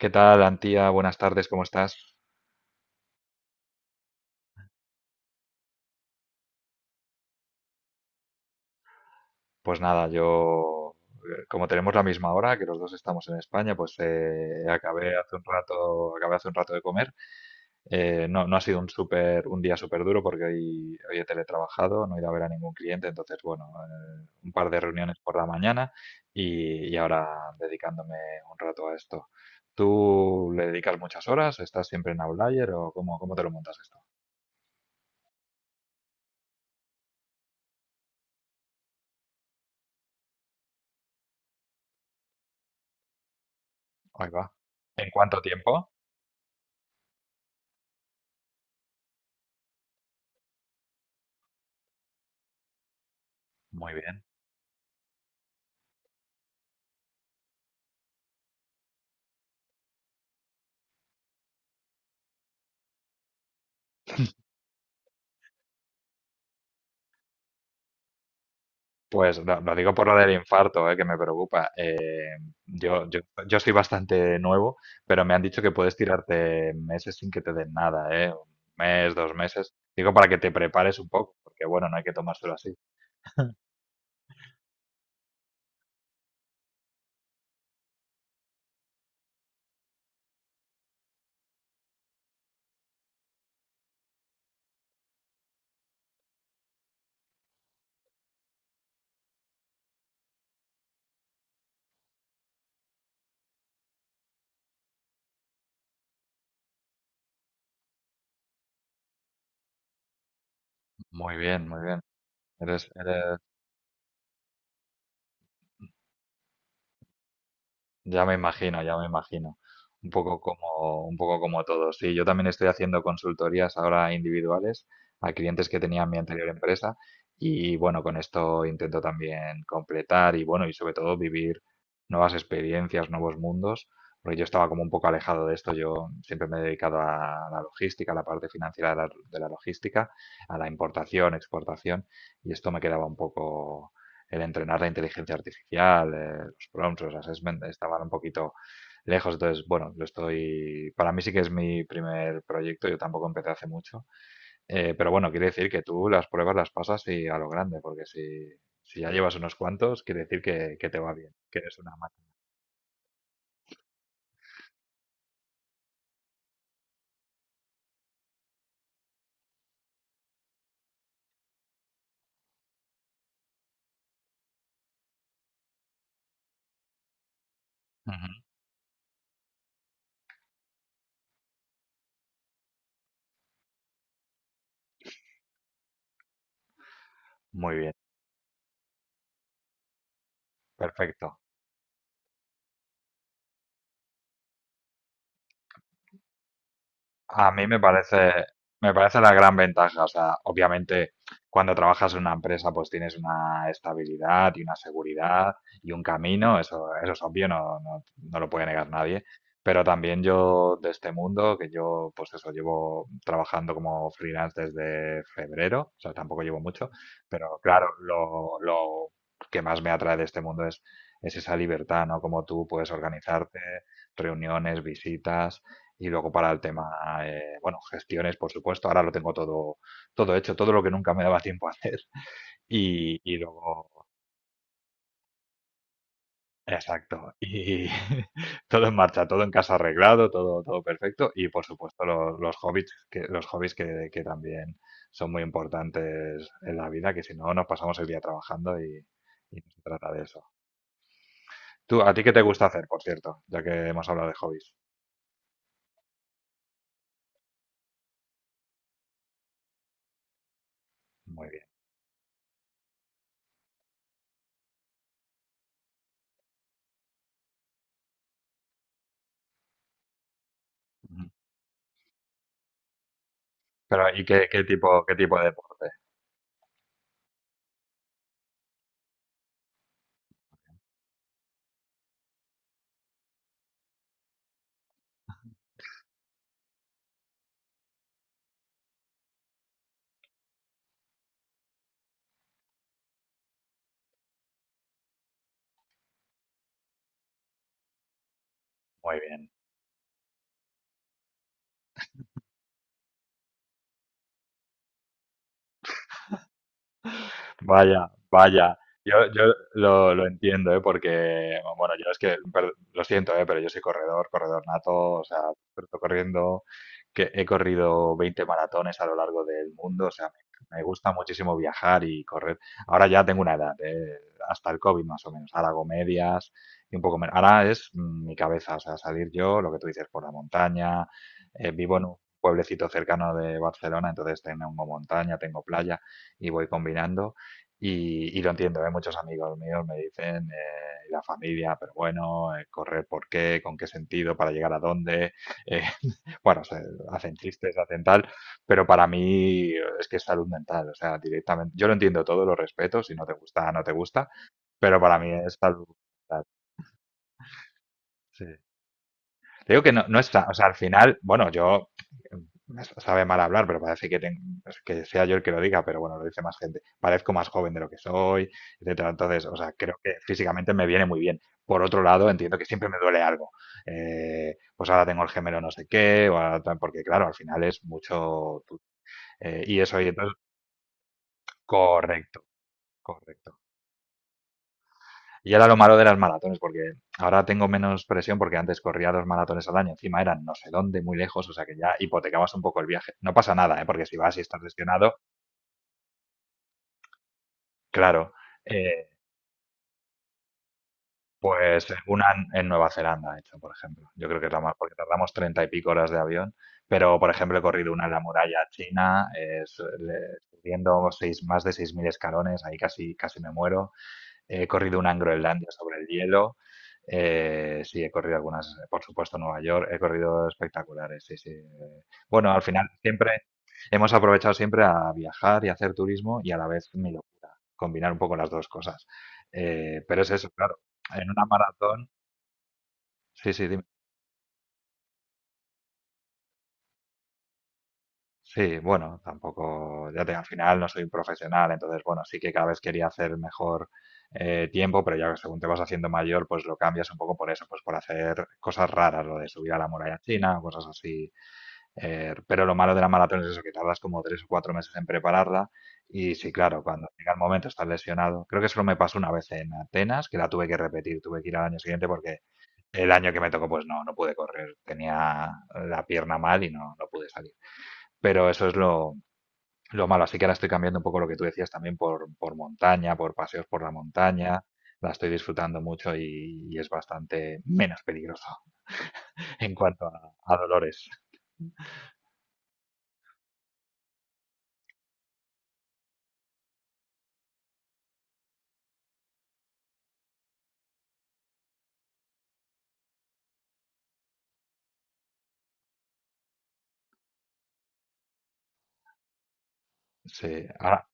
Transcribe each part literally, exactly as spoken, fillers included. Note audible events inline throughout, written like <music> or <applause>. ¿Qué tal, Antía? Buenas tardes, ¿cómo estás? Pues nada, yo, eh, como tenemos la misma hora, que los dos estamos en España, pues eh, acabé hace un rato, acabé hace un rato de comer. Eh, no, no ha sido un súper, un día súper duro porque hoy, hoy he teletrabajado, no he ido a ver a ningún cliente, entonces, bueno, eh, un par de reuniones por la mañana y, y ahora dedicándome un rato a esto. ¿Tú le dedicas muchas horas? ¿Estás siempre en Outlier o cómo, cómo te lo montas esto? Ahí va. ¿En cuánto tiempo? Muy bien. Pues lo, lo digo por lo del infarto, eh, que me preocupa. Eh, yo, yo, yo estoy bastante nuevo, pero me han dicho que puedes tirarte meses sin que te den nada, eh, un mes, dos meses. Digo para que te prepares un poco, porque bueno, no hay que tomárselo así. Muy bien, muy bien. Ya me imagino, ya me imagino. Un poco como, un poco como todos. Sí, yo también estoy haciendo consultorías ahora individuales a clientes que tenía en mi anterior empresa y bueno, con esto intento también completar y bueno, y sobre todo vivir nuevas experiencias, nuevos mundos, porque yo estaba como un poco alejado de esto. Yo siempre me he dedicado a la logística, a la parte financiera de la, de la logística, a la importación, exportación y esto me quedaba un poco el entrenar la inteligencia artificial, eh, los prompts, los assessment, estaban un poquito lejos. Entonces, bueno, lo estoy. Para mí sí que es mi primer proyecto, yo tampoco empecé hace mucho. Eh, pero bueno, quiere decir que tú las pruebas las pasas y a lo grande, porque si, si ya llevas unos cuantos, quiere decir que, que te va bien, que eres una máquina. Ujú. Muy bien, perfecto. A mí me parece, me parece la gran ventaja. O sea, obviamente, cuando trabajas en una empresa, pues tienes una estabilidad y una seguridad y un camino. Eso, eso es obvio, no, no, no lo puede negar nadie. Pero también yo, de este mundo, que yo, pues eso, llevo trabajando como freelance desde febrero, o sea, tampoco llevo mucho, pero claro, lo, lo que más me atrae de este mundo es, es esa libertad, ¿no? Como tú puedes organizarte, reuniones, visitas. Y luego para el tema, eh, bueno, gestiones, por supuesto. Ahora lo tengo todo, todo hecho, todo lo que nunca me daba tiempo a hacer. <laughs> Y, y luego, exacto. Y <laughs> todo en marcha, todo en casa arreglado, todo, todo perfecto. Y por supuesto, lo- los hobbies, que, los hobbies que, que también son muy importantes en la vida, que si no, nos pasamos el día trabajando y, y no se trata de eso. ¿Tú, a ti qué te gusta hacer, por cierto? Ya que hemos hablado de hobbies. Muy bien. Ujú. Pero, ¿y qué, qué tipo, qué tipo de deporte? Muy bien. Vaya, vaya. Yo, yo lo, lo entiendo, ¿eh? Porque, bueno, yo es que, per- lo siento, ¿eh? Pero yo soy corredor, corredor nato, o sea, pero estoy corriendo, que he corrido veinte maratones a lo largo del mundo, o sea, me, me gusta muchísimo viajar y correr. Ahora ya tengo una edad, ¿eh? Hasta el COVID más o menos, ahora hago medias y un poco menos. Ahora es mm, mi cabeza, o sea, salir yo, lo que tú dices, por la montaña, eh, vivo en un pueblecito cercano de Barcelona, entonces tengo montaña, tengo playa y voy combinando. Y, y lo entiendo, ¿eh? Muchos amigos míos me dicen, eh, la familia, pero bueno, eh, correr por qué, con qué sentido, para llegar a dónde. eh, <laughs> bueno, se hacen chistes, hacen tal, pero para mí eh, es que es salud mental, o sea, directamente. Yo lo entiendo todo, lo respeto, si no te gusta, no te gusta, pero para mí es salud mental. Sí. Te digo que no, no está, o sea, al final, bueno, yo me sabe mal hablar, pero parece que, tengo, que sea yo el que lo diga, pero bueno, lo dice más gente. Parezco más joven de lo que soy, etcétera. Entonces, o sea, creo que físicamente me viene muy bien. Por otro lado, entiendo que siempre me duele algo. Eh, pues ahora tengo el gemelo no sé qué, o ahora tal, porque claro, al final es mucho... tu- eh, y eso, y entonces, correcto, correcto. Y era lo malo de las maratones, porque ahora tengo menos presión porque antes corría dos maratones al año, encima eran no sé dónde, muy lejos, o sea que ya hipotecabas un poco el viaje. No pasa nada, ¿eh? Porque si vas y estás lesionado, claro, eh, es una en Nueva Zelanda, de hecho, por ejemplo. Yo creo que es la más, porque tardamos treinta y pico horas de avión, pero por ejemplo he corrido una en la muralla china, eh, su- le- subiendo seis, más de seis mil escalones, ahí casi, casi me muero. He corrido una en Groenlandia sobre el hielo. Eh, sí, he corrido algunas, por supuesto, Nueva York. He corrido espectaculares, sí, sí. Eh, Bueno, al final siempre hemos aprovechado siempre a viajar y a hacer turismo y a la vez mi locura, combinar un poco las dos cosas. Eh, pero es eso, claro. En una maratón, sí, sí, dime. Sí, bueno, tampoco, ya te, al final no soy un profesional, entonces, bueno, sí que cada vez quería hacer mejor eh, tiempo, pero ya que según te vas haciendo mayor, pues lo cambias un poco por eso, pues por hacer cosas raras, lo de subir a la muralla china, cosas así. Eh, pero lo malo de la maratón es eso, que tardas como tres o cuatro meses en prepararla y sí, claro, cuando llega el momento estás lesionado. Creo que solo me pasó una vez en Atenas, que la tuve que repetir, tuve que ir al año siguiente porque el año que me tocó, pues no, no pude correr, tenía la pierna mal y no, no pude salir. Pero eso es lo, lo malo. Así que ahora estoy cambiando un poco lo que tú decías también por, por montaña, por paseos por la montaña. La estoy disfrutando mucho y, y es bastante menos peligroso <laughs> en cuanto a, a dolores. Sí, ahora,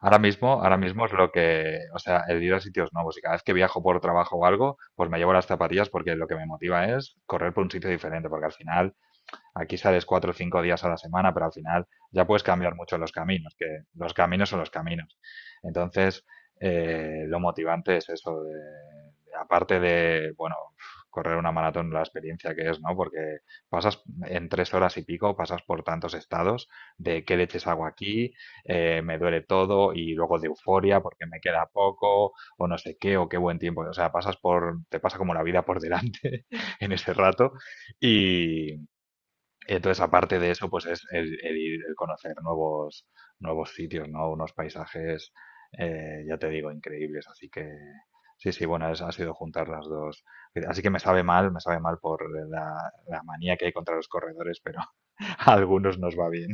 ahora mismo, ahora mismo es lo que, o sea, el ir a sitios nuevos y cada vez que viajo por trabajo o algo, pues me llevo las zapatillas porque lo que me motiva es correr por un sitio diferente, porque al final aquí sales cuatro o cinco días a la semana, pero al final ya puedes cambiar mucho los caminos, que los caminos son los caminos. Entonces, eh, lo motivante es eso, de, de- aparte de, bueno, correr una maratón, la experiencia que es, ¿no? Porque pasas en tres horas y pico, pasas por tantos estados de qué leches hago aquí, eh, me duele todo y luego de euforia porque me queda poco o no sé qué o qué buen tiempo. O sea, pasas por, te pasa como la vida por delante <laughs> en ese rato y, entonces, aparte de eso, pues es el, el ir- el conocer nuevos, nuevos sitios, ¿no? Unos paisajes, eh, ya te digo, increíbles. Así que sí, sí, bueno, es- ha sido juntar las dos. Así que me sabe mal, me sabe mal por la, la manía que hay contra los corredores, pero <laughs> a algunos nos va bien.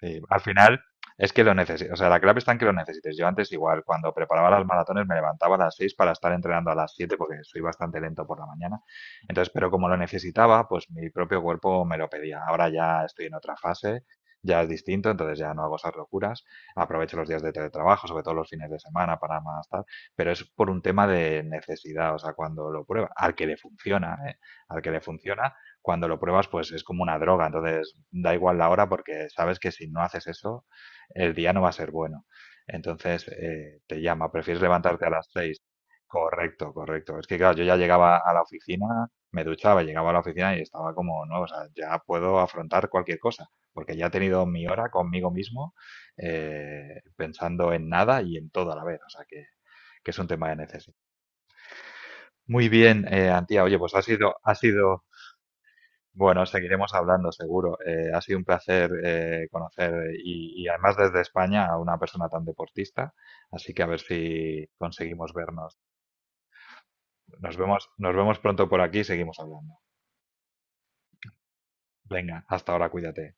Sí, al final es que lo necesitas, o sea, la clave está en que lo necesites. Yo antes igual, cuando preparaba las maratones me levantaba a las seis para estar entrenando a las siete porque soy bastante lento por la mañana. Entonces, pero como lo necesitaba, pues mi propio cuerpo me lo pedía. Ahora ya estoy en otra fase, ya es distinto, entonces ya no hago esas locuras. Aprovecho los días de teletrabajo, sobre todo los fines de semana para más tal, pero es por un tema de necesidad, o sea, cuando lo prueba, al que le funciona, ¿eh? Al que le funciona, cuando lo pruebas, pues es como una droga. Entonces, da igual la hora porque sabes que si no haces eso, el día no va a ser bueno. Entonces, eh, te llama, prefieres levantarte a las seis. Correcto, correcto. Es que, claro, yo ya llegaba a la oficina, me duchaba, llegaba a la oficina y estaba como, no, o sea, ya puedo afrontar cualquier cosa, porque ya he tenido mi hora conmigo mismo, eh, pensando en nada y en todo a la vez. O sea, que, que es un tema de necesidad. Muy bien, eh, Antía. Oye, pues ha sido, ha sido bueno, seguiremos hablando, seguro. Eh, ha sido un placer eh, conocer y, y además desde España a una persona tan deportista, así que a ver si conseguimos vernos. Nos vemos, nos vemos pronto por aquí y seguimos hablando. Venga, hasta ahora, cuídate.